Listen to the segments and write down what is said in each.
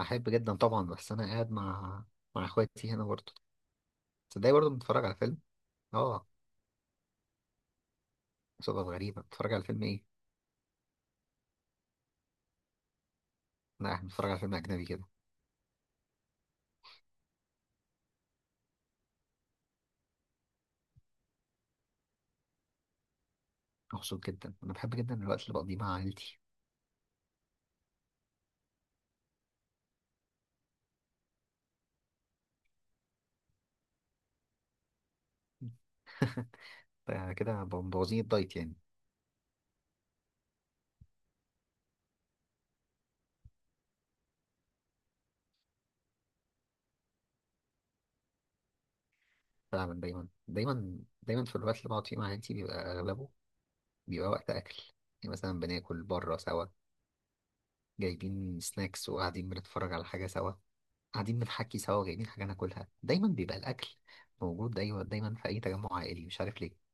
احب جدا طبعا، بس انا قاعد مع اخواتي هنا برضه. تصدقي برضه بنتفرج على فيلم. اه. صدف غريبة، بتتفرج على فيلم ايه؟ لا، احنا بنتفرج على فيلم اجنبي كده. مبسوط جدا، انا بحب جدا الوقت اللي بقضيه مع عائلتي. ف- كده مبوظين الدايت يعني. فعلا، دايما دايما دايما في الوقت اللي بقعد فيه مع عائلتي بيبقى اغلبه، بيبقى وقت اكل. يعني مثلا بناكل بره سوا، جايبين سناكس وقاعدين بنتفرج على حاجة سوا، قاعدين بنحكي سوا وجايبين حاجة ناكلها. دايما بيبقى الاكل موجود، دايما دايما في اي تجمع عائلي، مش عارف ليه.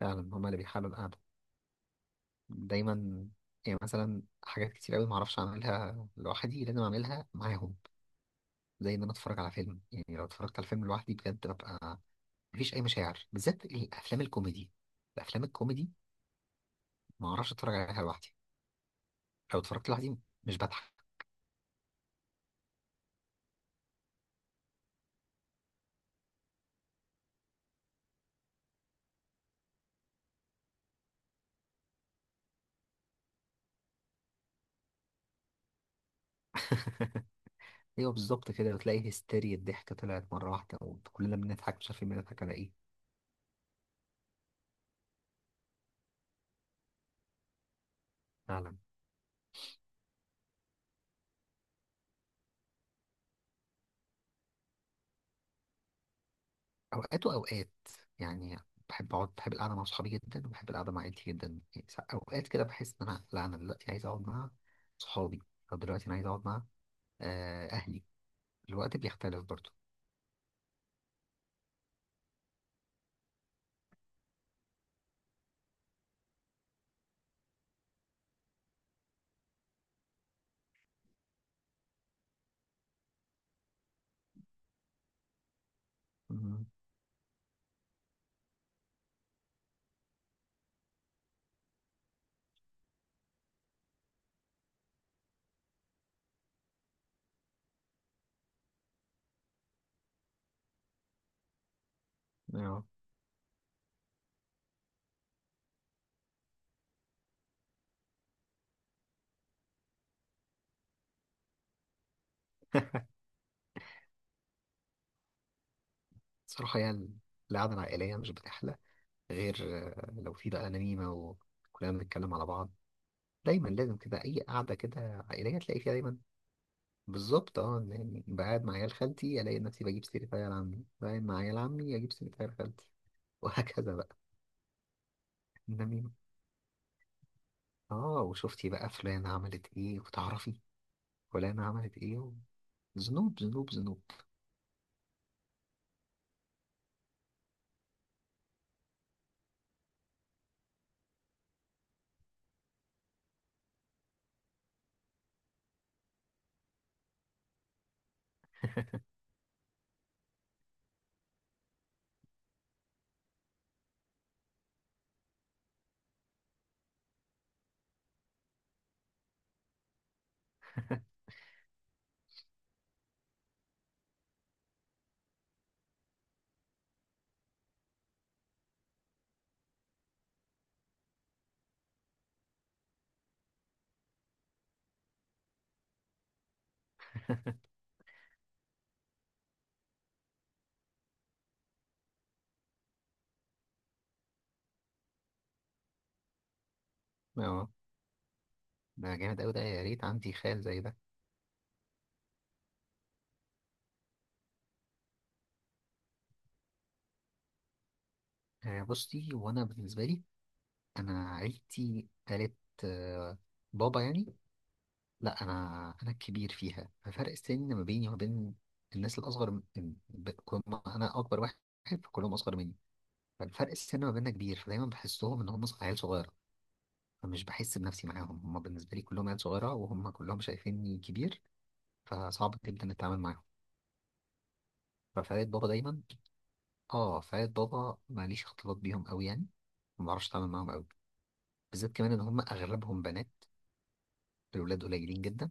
فعلا، هما اللي بيحلوا القعدة دايما. يعني مثلا حاجات كتير أوي معرفش أعملها لوحدي، لازم أعملها معاهم. زي إن أنا أتفرج على فيلم، يعني لو اتفرجت على فيلم لوحدي بجد، ببقى مفيش أي مشاعر، بالذات الأفلام الكوميدي. معرفش أتفرج عليها لوحدي، لو اتفرجت لوحدي مش بضحك. أيوه، بالظبط كده. وتلاقي هستيريا الضحكة طلعت مرة واحدة وكلنا بنضحك، مش عارفين بنضحك على إيه. فعلا. اوقات واوقات يعني. بحب القعده مع صحابي جدا، وبحب القعده مع عيلتي جدا. يعني اوقات كده بحس ان انا، لا انا دلوقتي عايز اقعد مع صحابي، او دلوقتي انا عايز اقعد مع اهلي. الوقت بيختلف برضه. مم. آه. صراحه يعني القعده العائليه مش بتحلى غير لو في بقى نميمه وكلنا بنتكلم على بعض. دايما لازم كده، اي قعده كده عائليه تلاقي فيها دايما. بالظبط، اه، يعني بقعد مع عيال خالتي الاقي نفسي بجيب سيره عيال عمي، بقعد مع عيال عمي اجيب سيره عيال خالتي. وهكذا بقى. جميل. اه، وشفتي بقى فلانة عملت ايه وتعرفي فلانة عملت ايه. ذنوب ذنوب ذنوب. اه، ده جامد اوي ده، يا ريت عندي خال زي ده. آه بصي، وانا بالنسبة لي، انا عيلتي، قالت، آه، بابا يعني، لا انا الكبير فيها. ففرق السن ما بيني وما بين الناس الاصغر كل ما انا اكبر واحد، فكلهم اصغر مني. فالفرق السن ما بيننا كبير، فدايما بحسهم ان هم عيال صغيرة، فمش بحس بنفسي معاهم. هم بالنسبة لي كلهم عيال صغيرة، وهم كلهم شايفيني كبير، فصعب جدا التعامل معاهم. ففعالية بابا دايما. اه، فعالية بابا ماليش اختلاط بيهم قوي يعني، ما بعرفش اتعامل معاهم قوي. بالذات كمان ان هم اغلبهم بنات، الولاد قليلين جدا،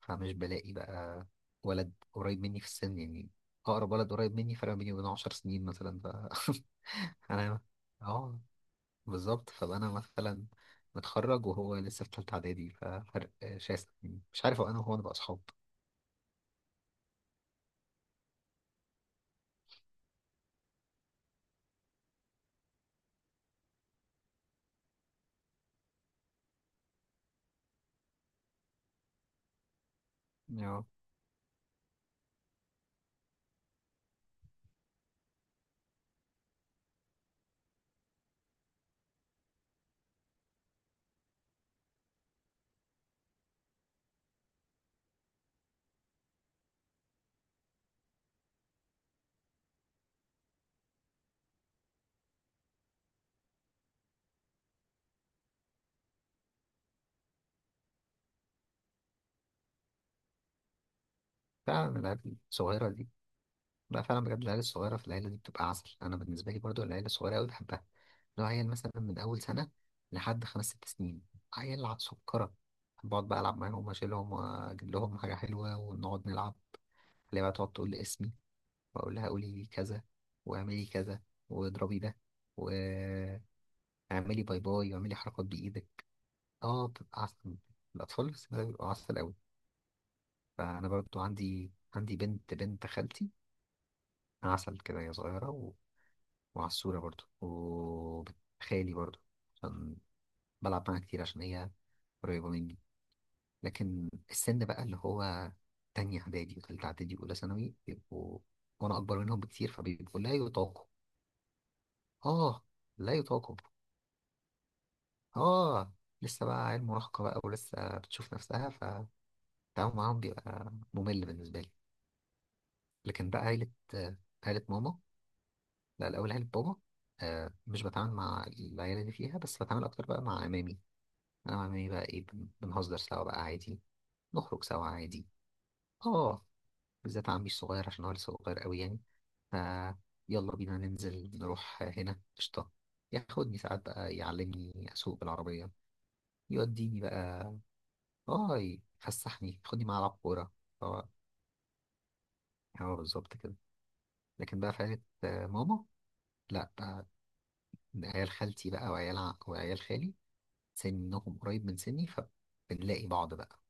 فمش بلاقي بقى ولد قريب مني في السن يعني. اقرب ولد قريب مني فرق بيني وبينه 10 سنين مثلا، ف انا، اه، بالظبط. فانا مثلا متخرج وهو لسه في تالتة اعدادي، ففرق شاسع، يعني مش عارف هو انا وهو نبقى اصحاب. اه، فعلا العيال الصغيرة. لا، فعلا بجد العيال الصغيرة في العيلة دي بتبقى عسل. أنا بالنسبة لي برضو العيلة الصغيرة أوي بحبها. لو عيل مثلا من أول سنة لحد خمس ست سنين، عيال على سكرة، بقعد بقى ألعب معاهم وأشيلهم وأجيب لهم حاجة حلوة ونقعد نلعب، اللي بقى تقعد تقول لي اسمي وأقول لها قولي كذا، واعملي كذا، واضربي ده، واعملي باي باي، واعملي حركات بإيدك. اه، بتبقى عسل. الأطفال في السن ده بيبقوا عسل أوي. فأنا برضو عندي بنت بنت خالتي عسل كده، هي صغيرة وعسولة برضو، وخالي برضو، عشان بلعب معاها كتير عشان هي قريبة مني. لكن السن بقى اللي هو تانية إعدادي وتالتة إعدادي وأولى ثانوي بيبقوا، وأنا أكبر منهم بكتير فبيبقوا لا يطاقوا. آه، لا يطاقوا. آه، لسه بقى عيل مراهقة بقى ولسه بتشوف نفسها، فالتعامل معاهم بيبقى ممل بالنسبة لي. لكن بقى عيلة، آه، عيلة ماما، لا، الأول عيلة بابا، مش بتعامل مع العيال اللي فيها، بس بتعامل أكتر بقى مع عمامي. انا وعمامي بقى ايه، بنهزر سوا بقى عادي، نخرج سوا عادي. اه، بالذات عمي الصغير عشان هو لسه صغير قوي يعني، ف يلا بينا ننزل نروح هنا قشطة. ياخدني ساعات بقى يعلمني اسوق بالعربية، يوديني بقى، اه، يفسحني، ياخدني معاه العب كورة. هو هو بالظبط كده. لكن بقى فايت ماما، لا بقى، عيال خالتي بقى وعيال خالي سنهم قريب من سني، فبنلاقي بعض بقى.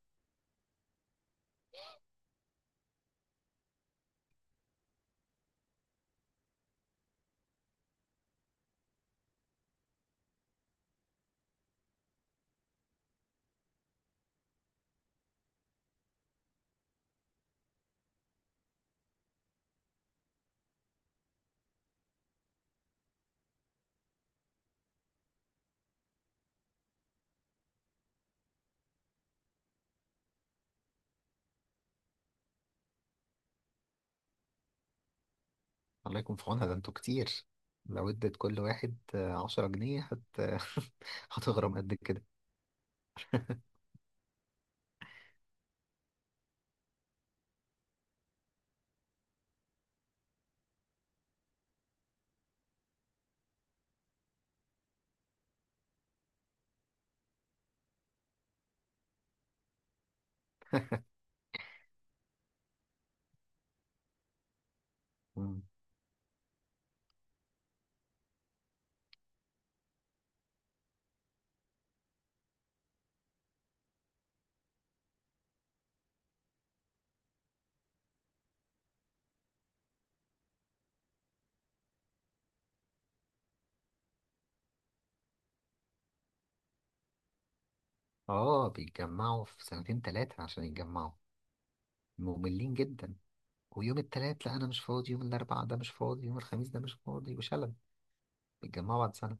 الله يكون في عونها، ده انتوا كتير، لو ادت كل واحد 10 جنيه هت هتغرم قد كده. مم. اه، بيتجمعوا في سنتين تلاتة عشان يتجمعوا، مملين جدا. ويوم التلات لا انا مش فاضي، يوم الاربعاء ده مش فاضي، يوم الخميس ده مش فاضي، وشلل. بيتجمعوا بعد سنة.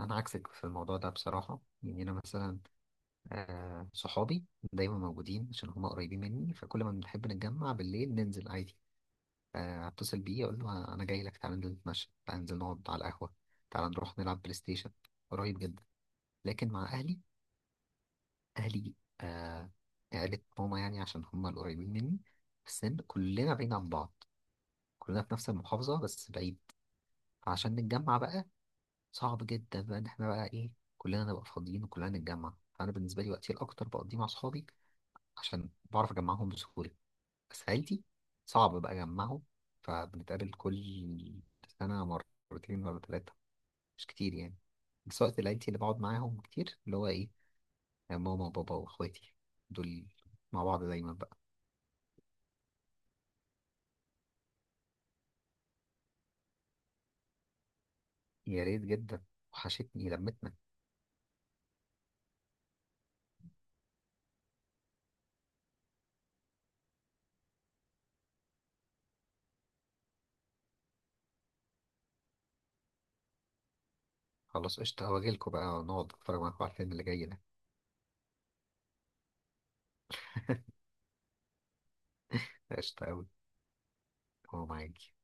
انا عكسك في الموضوع ده بصراحة. يعني انا مثلا، آه، صحابي دايما موجودين عشان هما قريبين مني، فكل ما بنحب نتجمع بالليل ننزل عادي. اتصل بيه اقول له انا جاي لك، تعالى ننزل نتمشى، تعالى ننزل نقعد على القهوه، تعالى نروح نلعب بلاي ستيشن. قريب جدا. لكن مع اهلي، اهلي آه عيلة ماما يعني عشان هم القريبين مني في السن، كلنا بعيد عن بعض. كلنا في نفس المحافظه بس بعيد، عشان نتجمع بقى صعب جدا بقى ان احنا بقى ايه كلنا نبقى فاضيين وكلنا نتجمع. فانا بالنسبه لي وقتي الاكتر بقضيه مع اصحابي عشان بعرف اجمعهم بسهوله. سعيدي صعب بقى أجمعه. فبنتقابل كل سنة مرتين ولا ثلاثة، مش كتير يعني. بس وقت العيلتي اللي بقعد معاهم كتير اللي هو إيه، ماما وبابا وإخواتي دول، مع بعض دايما بقى. يا ريت جدا، وحشتني لمتنا. خلاص قشطة، هواجيلكوا بقى ونقعد نتفرج معاكوا على الفيلم اللي جاي ده. قشطة أوي. هو معاكي.